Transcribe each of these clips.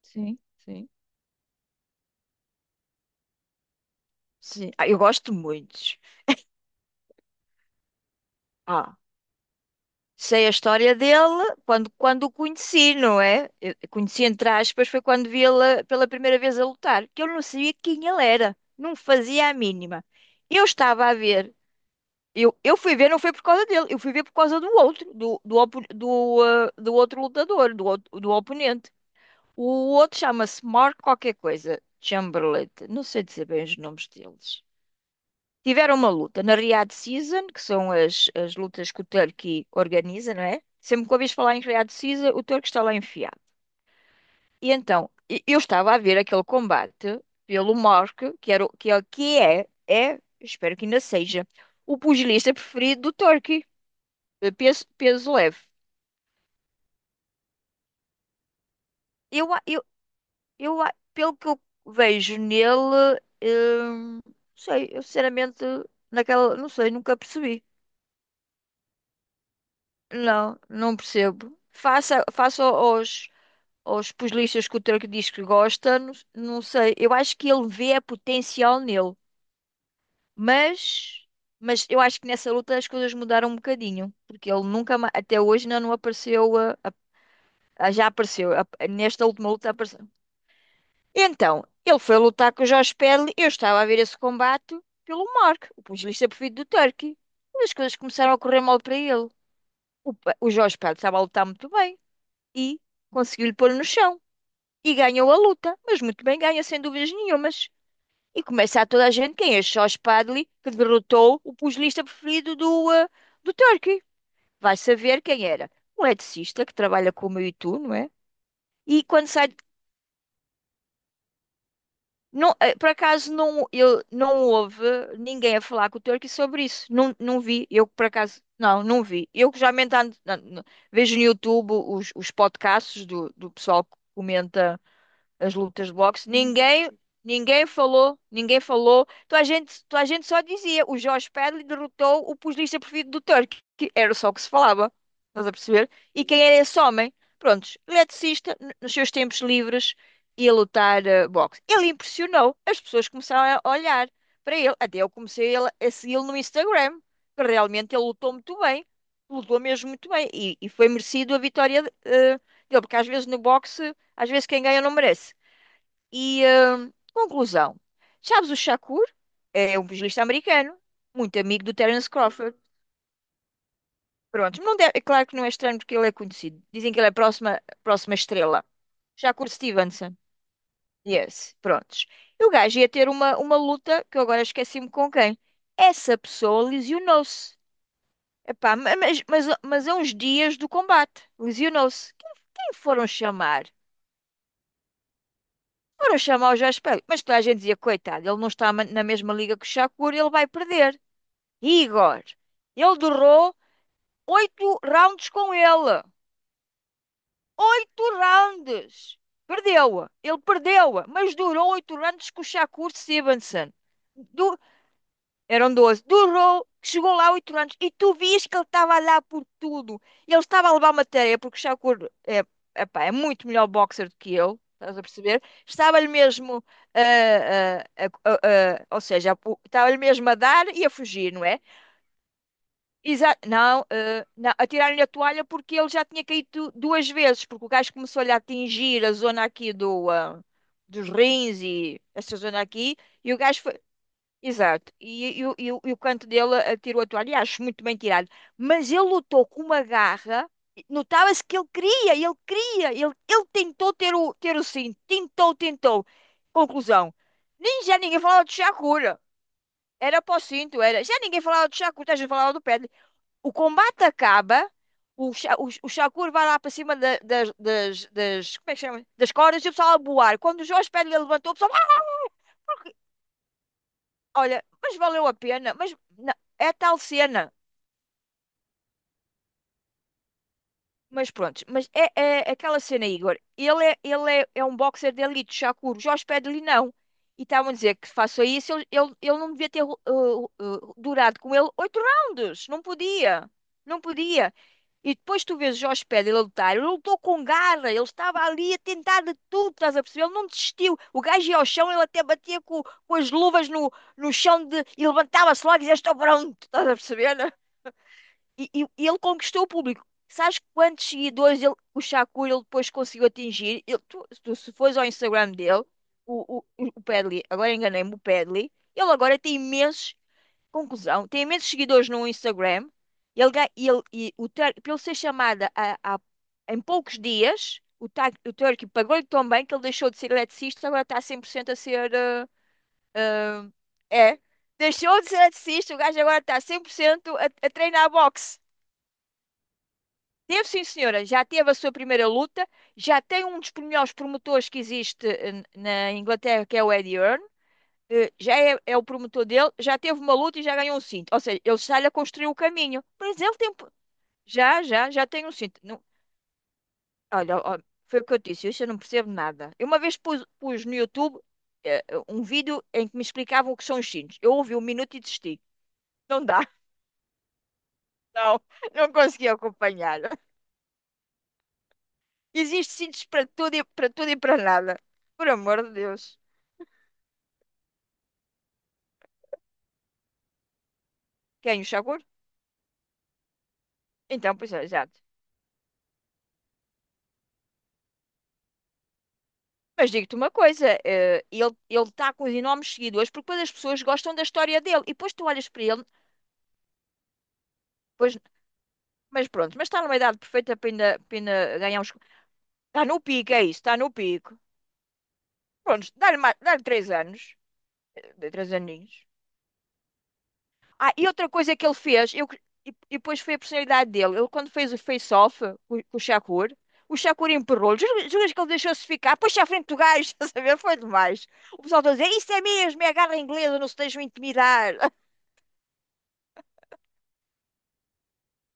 Sim, sim. Sim. Ah, eu gosto muito. Ah, sei a história dele quando o conheci, não é? Eu conheci, entre aspas, foi quando vi ele pela primeira vez a lutar, que eu não sabia quem ele era, não fazia a mínima. Eu estava a ver, eu fui ver, não foi por causa dele, eu fui ver por causa do outro, do outro lutador, do oponente. O outro chama-se Mark qualquer coisa, Chamberlain, não sei dizer bem os nomes deles. Tiveram uma luta na Riyadh Season, que são as lutas que o Turki organiza, não é? Sempre que ouvis falar em Riyadh Season, o Turki está lá enfiado. Então, eu estava a ver aquele combate pelo Mork, que, era, o- que é, é, espero que ainda seja, o pugilista preferido do Turki, peso, peso leve. Eu, a- eu, eu, a- pelo que eu vejo nele, não sei, eu sinceramente, não sei, nunca percebi. Não, não percebo. Faça aos, aos pugilistas que o Turco diz que gosta, não sei. Eu acho que ele vê a potencial nele, mas, mas eu acho que nessa luta as coisas mudaram um bocadinho, porque ele nunca, até hoje ainda não apareceu, já apareceu, nesta última luta apareceu. Então, ele foi lutar com o Josh Pedley, eu estava a ver esse combate pelo Mark, o pugilista preferido do Turco, mas as coisas começaram a correr mal para ele. O Jorge Pedro estava a lutar muito bem. E conseguiu-lhe pôr no chão. E ganhou a luta, mas muito bem ganha, sem dúvidas nenhumas. E começa a toda a gente quem é Charles Padley, que derrotou o pugilista preferido do Turkey. Vai saber quem era. Um eletricista que trabalha como eu e tu, não é? E quando sai. Não, por acaso não, eu, não houve ninguém a falar com o Turkey sobre isso. Não, não vi. Eu por acaso. Não, não vi. Eu que já ando, vejo no YouTube os podcasts do pessoal que comenta as lutas de boxe, ninguém, ninguém falou. Então a gente só dizia, o Jorge Padley derrotou o pugilista preferido do Turk, que era só o que se falava, estás a perceber? E quem era esse homem? Prontos, eletricista, nos seus tempos livres, ia lutar boxe. Ele impressionou, as pessoas começaram a olhar para ele, até eu comecei a segui-lo no Instagram, que realmente ele lutou muito bem, lutou mesmo muito bem, e foi merecido a vitória dele, porque às vezes no boxe, às vezes quem ganha não merece. E, conclusão. Sabes o Shakur? É um pugilista americano, muito amigo do Terence Crawford. Pronto, não deve- é claro que não é estranho porque ele é conhecido. Dizem que ele é a próxima estrela. Shakur Stevenson. Yes, prontos. E o gajo ia ter uma luta, que eu agora esqueci-me com quem. Essa pessoa lesionou-se. Epá, mas a uns dias do combate, lesionou-se. Quem foram chamar? Foram chamar o Jorge Peele. Mas toda a gente dizia, coitado, ele não está na mesma liga que o Shakur, ele vai perder. Igor, ele durou 8 rounds com ele. 8 rounds! Perdeu-a. Ele perdeu-a. Mas durou 8 rounds com o Shakur Stevenson. Du- Eram 12. Durou, chegou lá 8 rounds. E tu vias que ele estava a dar por tudo. Ele estava a levar uma tareia, porque o Shakur é, epá, é muito melhor boxer do que eu. Estás a perceber? Estava-lhe mesmo, ou seja, estava-lhe mesmo a dar e a fugir, não é? Exa não, eh, não, atiraram-lhe a toalha porque ele já tinha caído duas vezes, porque o gajo começou-lhe a atingir a zona aqui dos rins e essa zona aqui, e o gajo foi. Exato, e o canto dele atirou a toalha, e acho muito bem tirado. Mas ele lutou com uma garra, e notava-se que ele queria, ele queria, ele tentou ter ter o cinto, tentou, tentou. Conclusão: nem já ninguém falava de Shakura, era para o cinto, era. Já ninguém falava de Shakura, já falava do pé o combate acaba, o Shakur vai lá para cima das, como é que chama? Das cordas e o pessoal a boar. Quando o Jorge Padilha levantou, o pessoal, "Ah, olha, mas valeu a pena, mas não, é tal cena. Mas pronto, mas é, é aquela cena, Igor. É um boxer de elite, Shakur. Jorge Pedro-lhe não. E estavam a dizer que faça isso, ele não devia ter durado com ele oito rounds. Não podia. Não podia. E depois tu vês o Jorge Pedro ele a lutar. Ele lutou com garra. Ele estava ali a tentar de tudo, estás a perceber? Ele não desistiu. O gajo ia ao chão, ele até batia com as luvas no, no chão de, e levantava-se logo e dizia: Estou pronto, estás a perceber? E ele conquistou o público. Sabes quantos seguidores ele, o Shakur ele depois conseguiu atingir? Se fores ao Instagram dele, o Padley, agora enganei-me, o Padley, ele agora tem imensos, conclusão, tem imensos seguidores no Instagram. Ele, ga- ele, e o, Tur- para ele ser chamada em poucos dias, o Turkey pagou-lhe tão bem que ele deixou de ser eletricista, agora está 100% a ser. Eh, é, deixou de ser eletricista, o gajo agora está 100% a treinar boxe. Teve, sim, senhora. Já teve a sua primeira luta. Já tem um dos melhores promotores que existe na Inglaterra, que é o Eddie Earn. Já é o promotor dele. Já teve uma luta e já ganhou um cinto. Ou seja, ele está-lhe a construir o caminho. Mas ele tem... Já tem um cinto. Não. Olha, ó, foi o que eu disse. Isso eu não percebo nada. Eu uma vez pus no YouTube eh, um vídeo em que me explicavam o que são os cintos. Eu ouvi um minuto e desisti. Não dá. Não, não consegui acompanhar. Existe sítios para tudo e para tudo e para nada. Por amor de Deus. Quem o Shakur? Então, pois é, exato. Mas digo-te uma coisa, ele está com os enormes seguidores porque depois as pessoas gostam da história dele. E depois tu olhas para ele, pois, mas pronto, mas está numa idade perfeita para ainda ganhar uns. Está no pico, é isso, está no pico. Pronto, dá-lhe 3 anos, três aninhos. Ah, e outra coisa que ele fez, eu, e depois foi a personalidade dele. Ele, quando fez o face-off com o Shakur empurrou-lhe. Juras que ele deixou-se ficar? Puxa à frente do gajo, estás a ver? Foi demais. O pessoal está a dizer: Isso é mesmo, é a garra inglesa, não se deixam intimidar.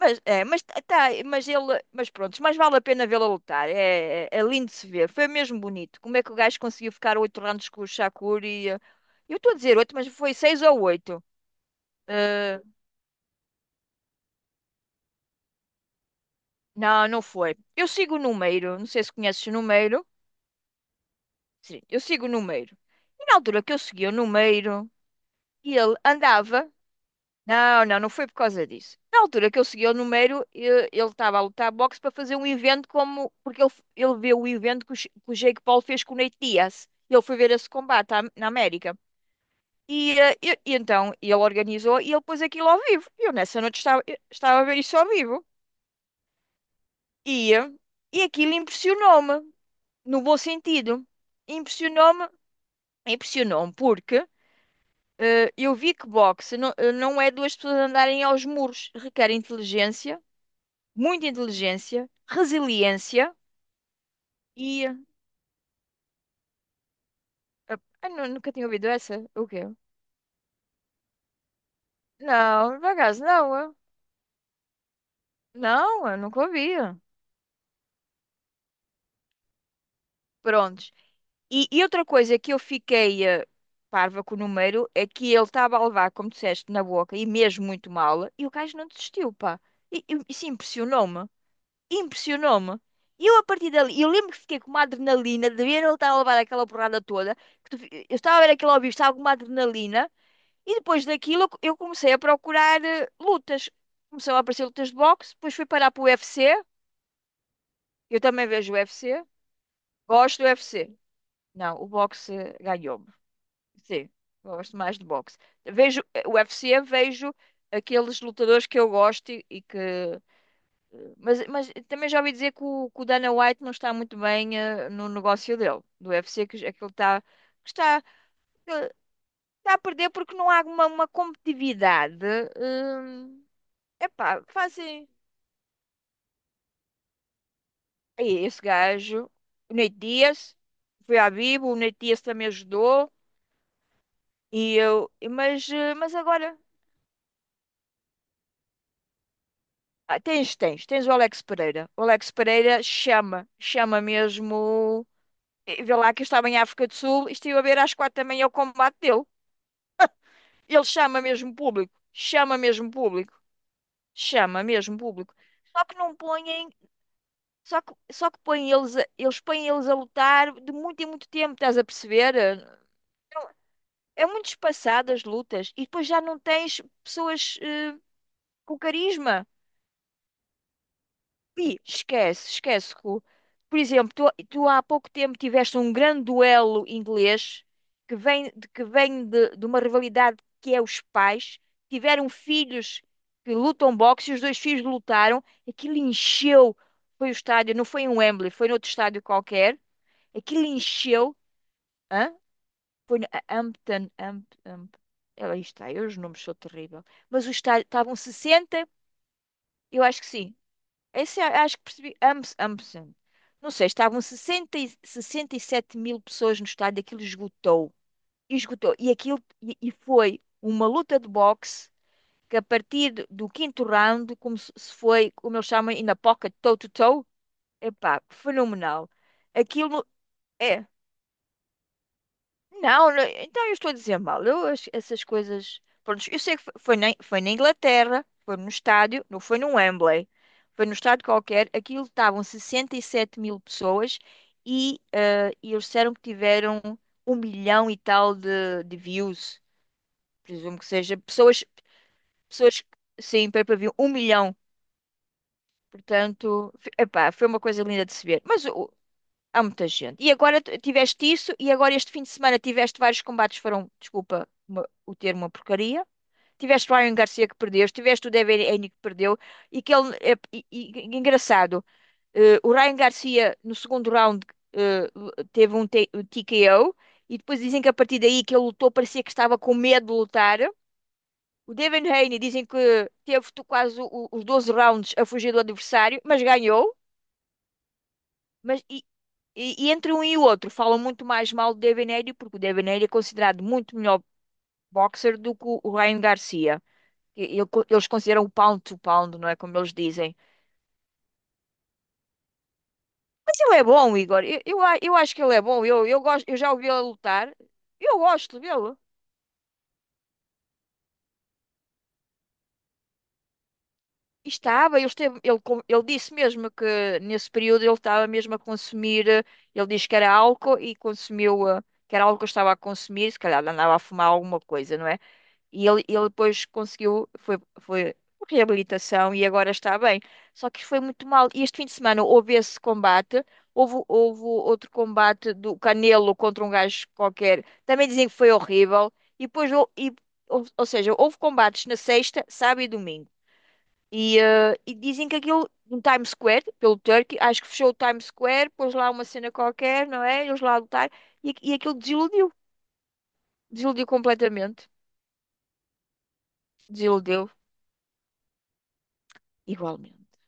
Mas vale a pena vê-lo a lutar. É, é lindo de se ver. Foi mesmo bonito. Como é que o gajo conseguiu ficar 8 rounds com o Shakur e. Eu estou a dizer oito, mas foi seis ou oito. Eh, não, não foi. Eu sigo o Numeiro, não sei se conheces o Numeiro. Sim, eu sigo o Numeiro. E na altura que eu segui o Numeiro, ele andava. Não, não, não foi por causa disso. Na altura que eu segui o Numeiro, ele estava a lutar boxe para fazer um evento como. Porque ele, ele viu o evento que o, que o Jake Paul fez com o Nate Diaz. Ele foi ver esse combate na América. E, e então ele organizou e ele pôs aquilo ao vivo. Eu nessa noite estava, eu estava a ver isso ao vivo. E, eh, e aquilo impressionou-me, no bom sentido. Impressionou-me, impressionou-me porque eu vi que boxe não, não é duas pessoas andarem aos muros, requer inteligência, muita inteligência, resiliência e. eh, nunca tinha ouvido essa? O quê? Não, por acaso não, não, eu nunca ouvia Prontos. E outra coisa que eu fiquei parva com o número é que ele estava a levar, como disseste, na boca e mesmo muito mal, e o gajo não desistiu, pá. E isso impressionou-me. Impressionou-me. E eu a partir dali, eu lembro que fiquei com uma adrenalina de ver ele estar a levar aquela porrada toda, eu estava a ver aquele ao vivo, estava com uma adrenalina, e depois daquilo eu comecei a procurar lutas. Começou a aparecer lutas de boxe, depois fui parar para o UFC, eu também vejo o UFC, gosto do UFC. Não, o boxe ganhou-me. Sim, gosto mais de boxe. Vejo o UFC, vejo aqueles lutadores que eu gosto e que Mas também já ouvi dizer que o Dana White não está muito bem no negócio dele, do UFC, é que ele está, que ele está a perder porque não há uma competitividade. Hum, epá, fazem. Aí, esse gajo, o Nate Diaz, foi à Bibo, o Nate Diaz também ajudou, e eu, e- mas, eh, mas agora. Ah, tens o Alex Pereira. O Alex Pereira chama mesmo. E vê lá que eu estava em África do Sul e estive a ver às quatro também é o combate dele. Ele chama mesmo público, chama mesmo público, chama mesmo público. Só que não põem, só que põem eles, eles põem eles a lutar de muito em muito tempo, estás a perceber? É muito espaçado as lutas e depois já não tens pessoas com carisma. Pi, esquece. Ru. Por exemplo, tu há pouco tempo tiveste um grande duelo inglês que vem, que vem de uma rivalidade que é os pais. Tiveram filhos que lutam boxe e os dois filhos lutaram. Aquilo encheu. Foi o estádio, não foi em Wembley, foi noutro estádio qualquer. Aquilo encheu. Hã? Foi no Hampton. Hamp. Ela está, eu os nomes sou terrível. Mas o estádio, estavam sessenta, eu acho que sim. Acho que percebi. Ambos. Não sei, estavam 60, 67 mil pessoas no estádio, aquilo esgotou. Esgotou. E aquilo e foi uma luta de boxe que a partir do 5º round, como se foi, como eles chamam, in a pocket, toe-to-toe, epá, fenomenal. Aquilo é. Não, não, então eu estou a dizer mal. Eu essas coisas. Pronto, eu sei que foi na Inglaterra, foi no estádio, não foi no Wembley, foi no estádio qualquer. Aquilo estavam 67 mil pessoas e eles disseram que tiveram um milhão e tal de views. Presumo que seja pessoas, pessoas, sim, pay-per-view, um milhão. Portanto, epá, foi uma coisa linda de se ver. Mas o há muita gente. E agora tiveste isso, e agora este fim de semana tiveste vários combates, foram, desculpa o termo, é uma porcaria. Tiveste o Ryan Garcia que perdeu, tiveste o Devin Haney que perdeu, e que ele, engraçado, o Ryan Garcia no segundo round eh, teve um um TKO, e depois dizem que a partir daí que ele lutou, parecia que estava com medo de lutar. O Devin Haney dizem que teve quase os 12 rounds a fugir do adversário, mas ganhou. Mas, e, e entre um e o outro, falam muito mais mal do Devaney, porque o Devaney é considerado muito melhor boxer do que o Ryan Garcia. E- e- Eles consideram o pound to pound, não é como eles dizem. Mas ele é bom, Igor. Eu acho que ele é bom. Gosto, eu já ouvi ele lutar. Eu gosto dele. E estava, esteve, ele disse mesmo que nesse período ele estava mesmo a consumir. Ele disse que era álcool e consumiu, que era álcool que estava a consumir. Se calhar andava a fumar alguma coisa, não é? E ele depois conseguiu, foi reabilitação e agora está bem. Só que foi muito mal. E este fim de semana houve esse combate, houve, houve outro combate do Canelo contra um gajo qualquer. Também dizem que foi horrível. E depois, ou seja, houve combates na sexta, sábado e domingo. E, e dizem que aquilo no Times Square, pelo Turkey, acho que fechou o Times Square, pôs lá uma cena qualquer, não é? Eles lá a lutar, e aquilo desiludiu, desiludiu completamente, desiludiu igualmente.